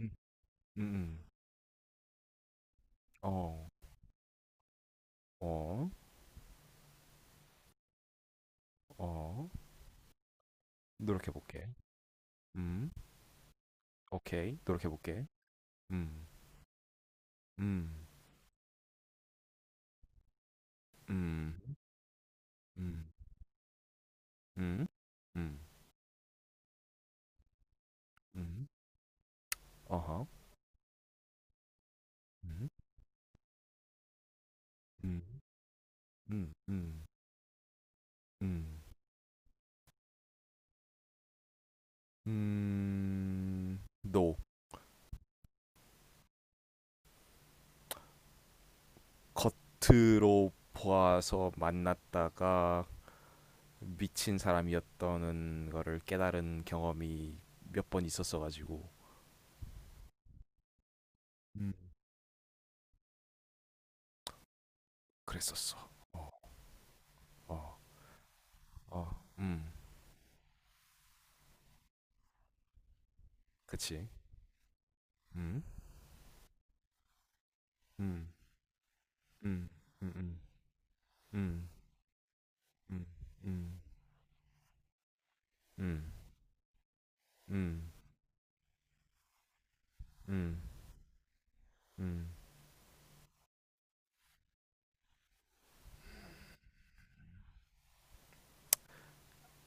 음. 음음. 어. 어. 어. 노력해 볼게. 음. 오케이. 노력해 볼게. 음. 음. 음. 음. 음. 음. 음. 어허. 음. 음. 음. 음. 음. 음. 너 겉으로 보아서 만났다가 미친 사람이었다는 거를 깨달은 경험이 몇 번 있었어 가지고. 음. 그랬었어. 어. 어. 어, 음, 그치. 음, 음, 음, 음, 음, 음, 음, 음, 음, 음, 음, 음.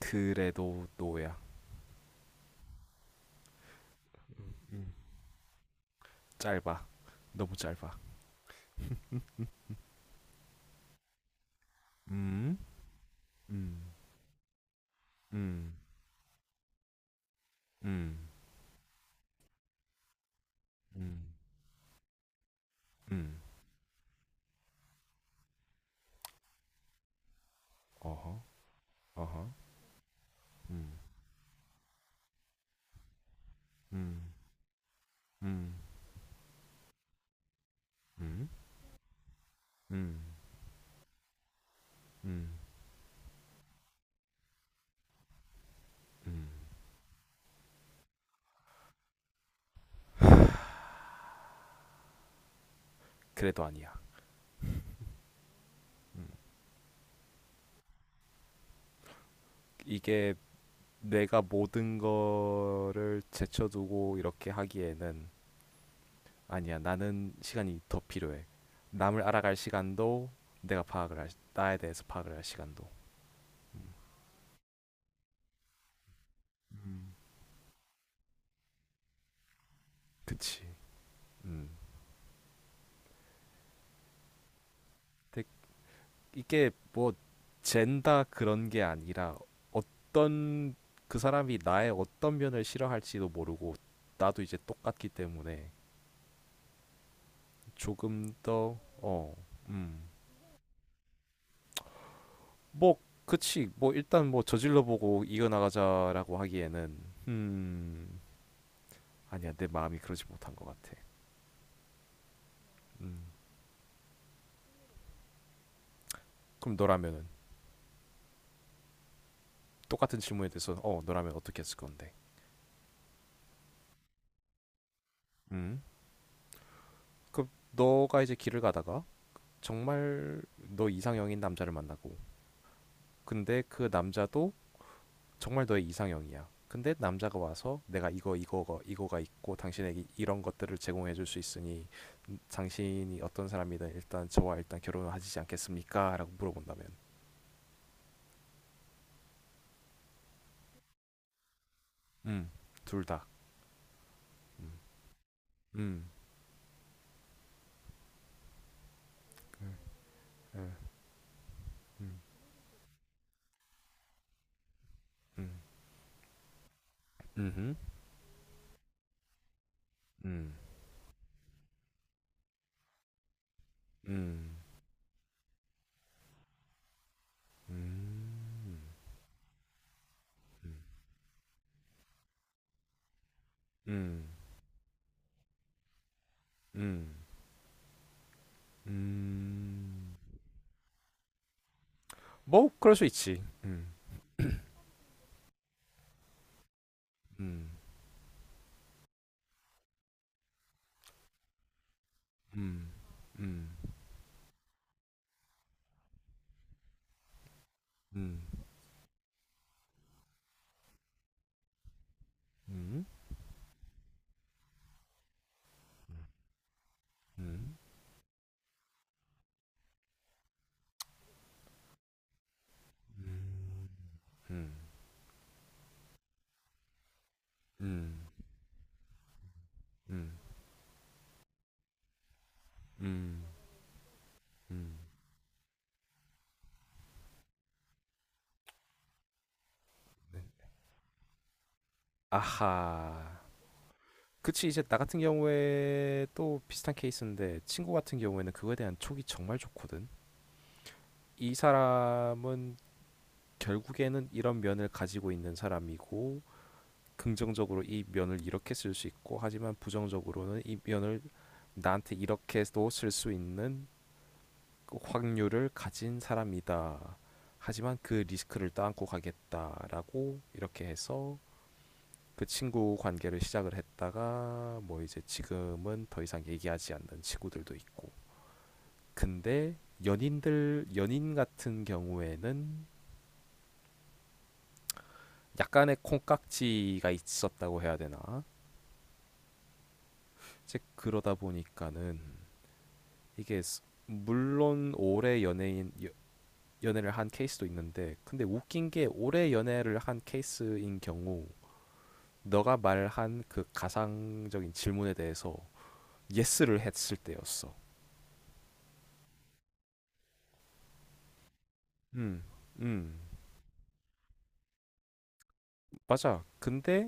그래도 노야. 음, 음. 짧아. 너무 짧아. 음, 음, 음, 음, 음, 음. 어허, 어허. 음, 음, 음, 음, 음, 음, 음. 그래도 아니야. 이게 내가 모든 거를 제쳐두고 이렇게 하기에는 아니야, 나는 시간이 더 필요해. 남을 알아갈 시간도 내가 파악을 할, 나에 대해서 파악을 할 시간도. 음. 그치. 음. 근데 이게 뭐 젠다 그런 게 아니라 어떤 그 사람이 나의 어떤 면을 싫어할지도 모르고 나도 이제 똑같기 때문에 조금 더 어, 음. 뭐 그치. 뭐 일단 뭐 저질러 보고 이겨 나가자라고 하기에는 음. 아니야. 내 마음이 그러지 못한 것 같아. 음. 그럼 너라면은 똑같은 질문에 대해서 어 너라면 어떻게 했을 건데? 음. 그 너가 이제 길을 가다가 정말 너 이상형인 남자를 만나고 근데 그 남자도 정말 너의 이상형이야. 근데 남자가 와서 내가 이거 이거가 있고 당신에게 이런 것들을 제공해 줄 수 있으니 당신이 어떤 사람이든 일단 저와 일단 결혼을 하시지 않겠습니까 라고 물어본다면. 음. 둘 다. 음. 음. 음. 음. 음. 음. 음. 음. 음. 음, 음, 음. 뭐, 그럴 수 있지. 음, 음, 음, 음, 음, 음, 음, 음, 음, 음, 음, 음. 네. 아하. 그치, 이제 나 같은 경우에 또 비슷한 케이스인데, 친구 같은 경우에는 그거에 대한 촉이 정말 좋거든. 이 사람은 결국에는 이런 면을 가지고 있는 사람이고, 긍정적으로 이 면을 이렇게 쓸 수 있고, 하지만 부정적으로는 이 면을 나한테 이렇게도 쓸 수 있는 그 확률을 가진 사람이다. 하지만 그 리스크를 떠안고 가겠다라고 이렇게 해서 그 친구 관계를 시작을 했다가 뭐 이제 지금은 더 이상 얘기하지 않는 친구들도 있고. 근데 연인들 연인 같은 경우에는 약간의 콩깍지가 있었다고 해야 되나? 이제 그러다 보니까는 이게 물론 오래 연예인 연애를 한 케이스도 있는데 근데 웃긴 게 오래 연애를 한 케이스인 경우 너가 말한 그 가상적인 질문에 대해서 예스를 했을 때였어. 음, 음, 맞아. 근데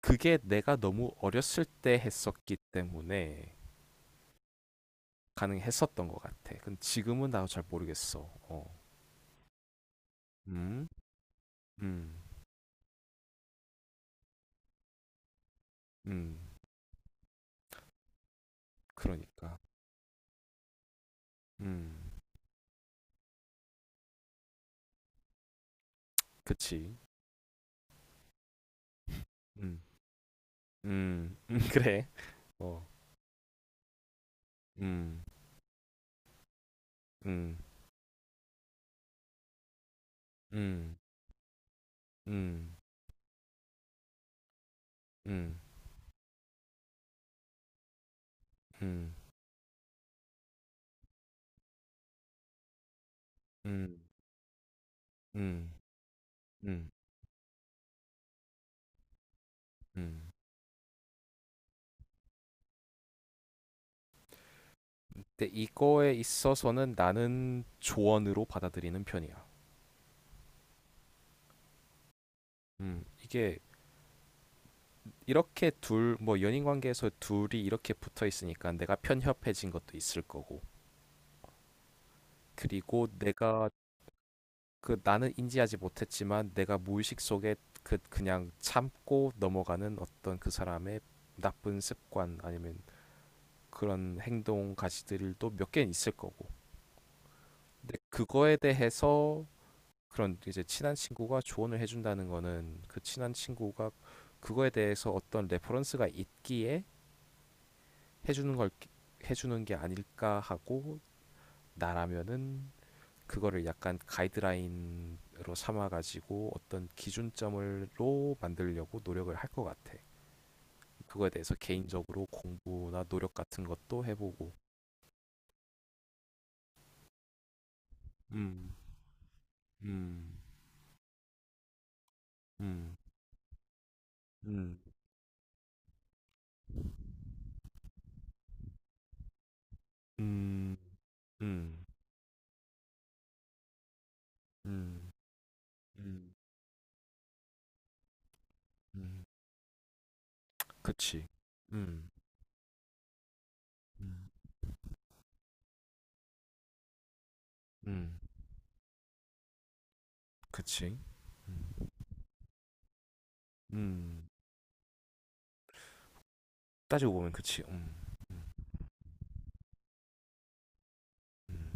그게 내가 너무 어렸을 때 했었기 때문에 가능했었던 것 같아. 근데 지금은 나도 잘 모르겠어. 어, 음, 음, 음, 그러니까, 음, 그치, 음, 그래, 어, 음, 음. 음. 음. 음. 음. 음. 음. 음. 음. 근데 이거에 있어서는 나는 조언으로 받아들이는 편이야. 음. 이게 이렇게 둘, 뭐 연인 관계에서 둘이 이렇게 붙어 있으니까 내가 편협해진 것도 있을 거고. 그리고 내가 그 나는 인지하지 못했지만 내가 무의식 속에 그 그냥 참고 넘어가는 어떤 그 사람의 나쁜 습관 아니면 그런 행동 가시들도 몇 개는 있을 거고. 근데 그거에 대해서 그런 이제 친한 친구가 조언을 해준다는 거는 그 친한 친구가 그거에 대해서 어떤 레퍼런스가 있기에 해주는 걸 해주는 게 아닐까 하고 나라면은 그거를 약간 가이드라인으로 삼아가지고 어떤 기준점으로 만들려고 노력을 할 것 같아. 그거에 대해서 개인적으로 공부나 노력 같은 것도 해보고. 음, 음, 음, 음, 음, 음, 음. 음. 음. 그치. 음. 음. 음. 그치. 음. 음. 따지고 보면 그치. 음. 음. 음.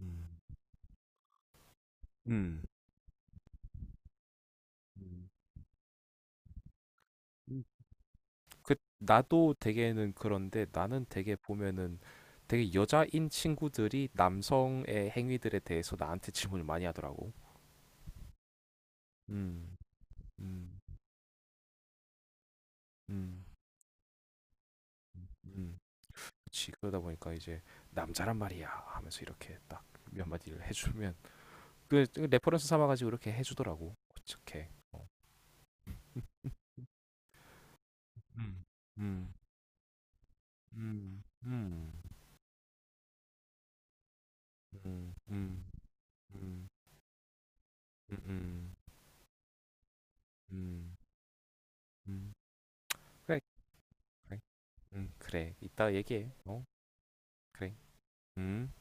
음. 음. 음. 음. 그 나도 되게는 그런데 나는 되게 보면은 되게 여자인 친구들이 남성의 행위들에 대해서 나한테 질문을 많이 하더라고. 음. 음. 음. 음. 그치. 그러다 보니까 이제 남자란 말이야 하면서 이렇게 딱 몇 마디를 해주면 그 레퍼런스 삼아가지고 이렇게 해주더라고. 어떻게? 어. 음, 음, 음, 음, 음, 음, 음, 음, 음, 음, 음. 그래, 그래, 그래. 이따 얘기해. 어, 그래. 음.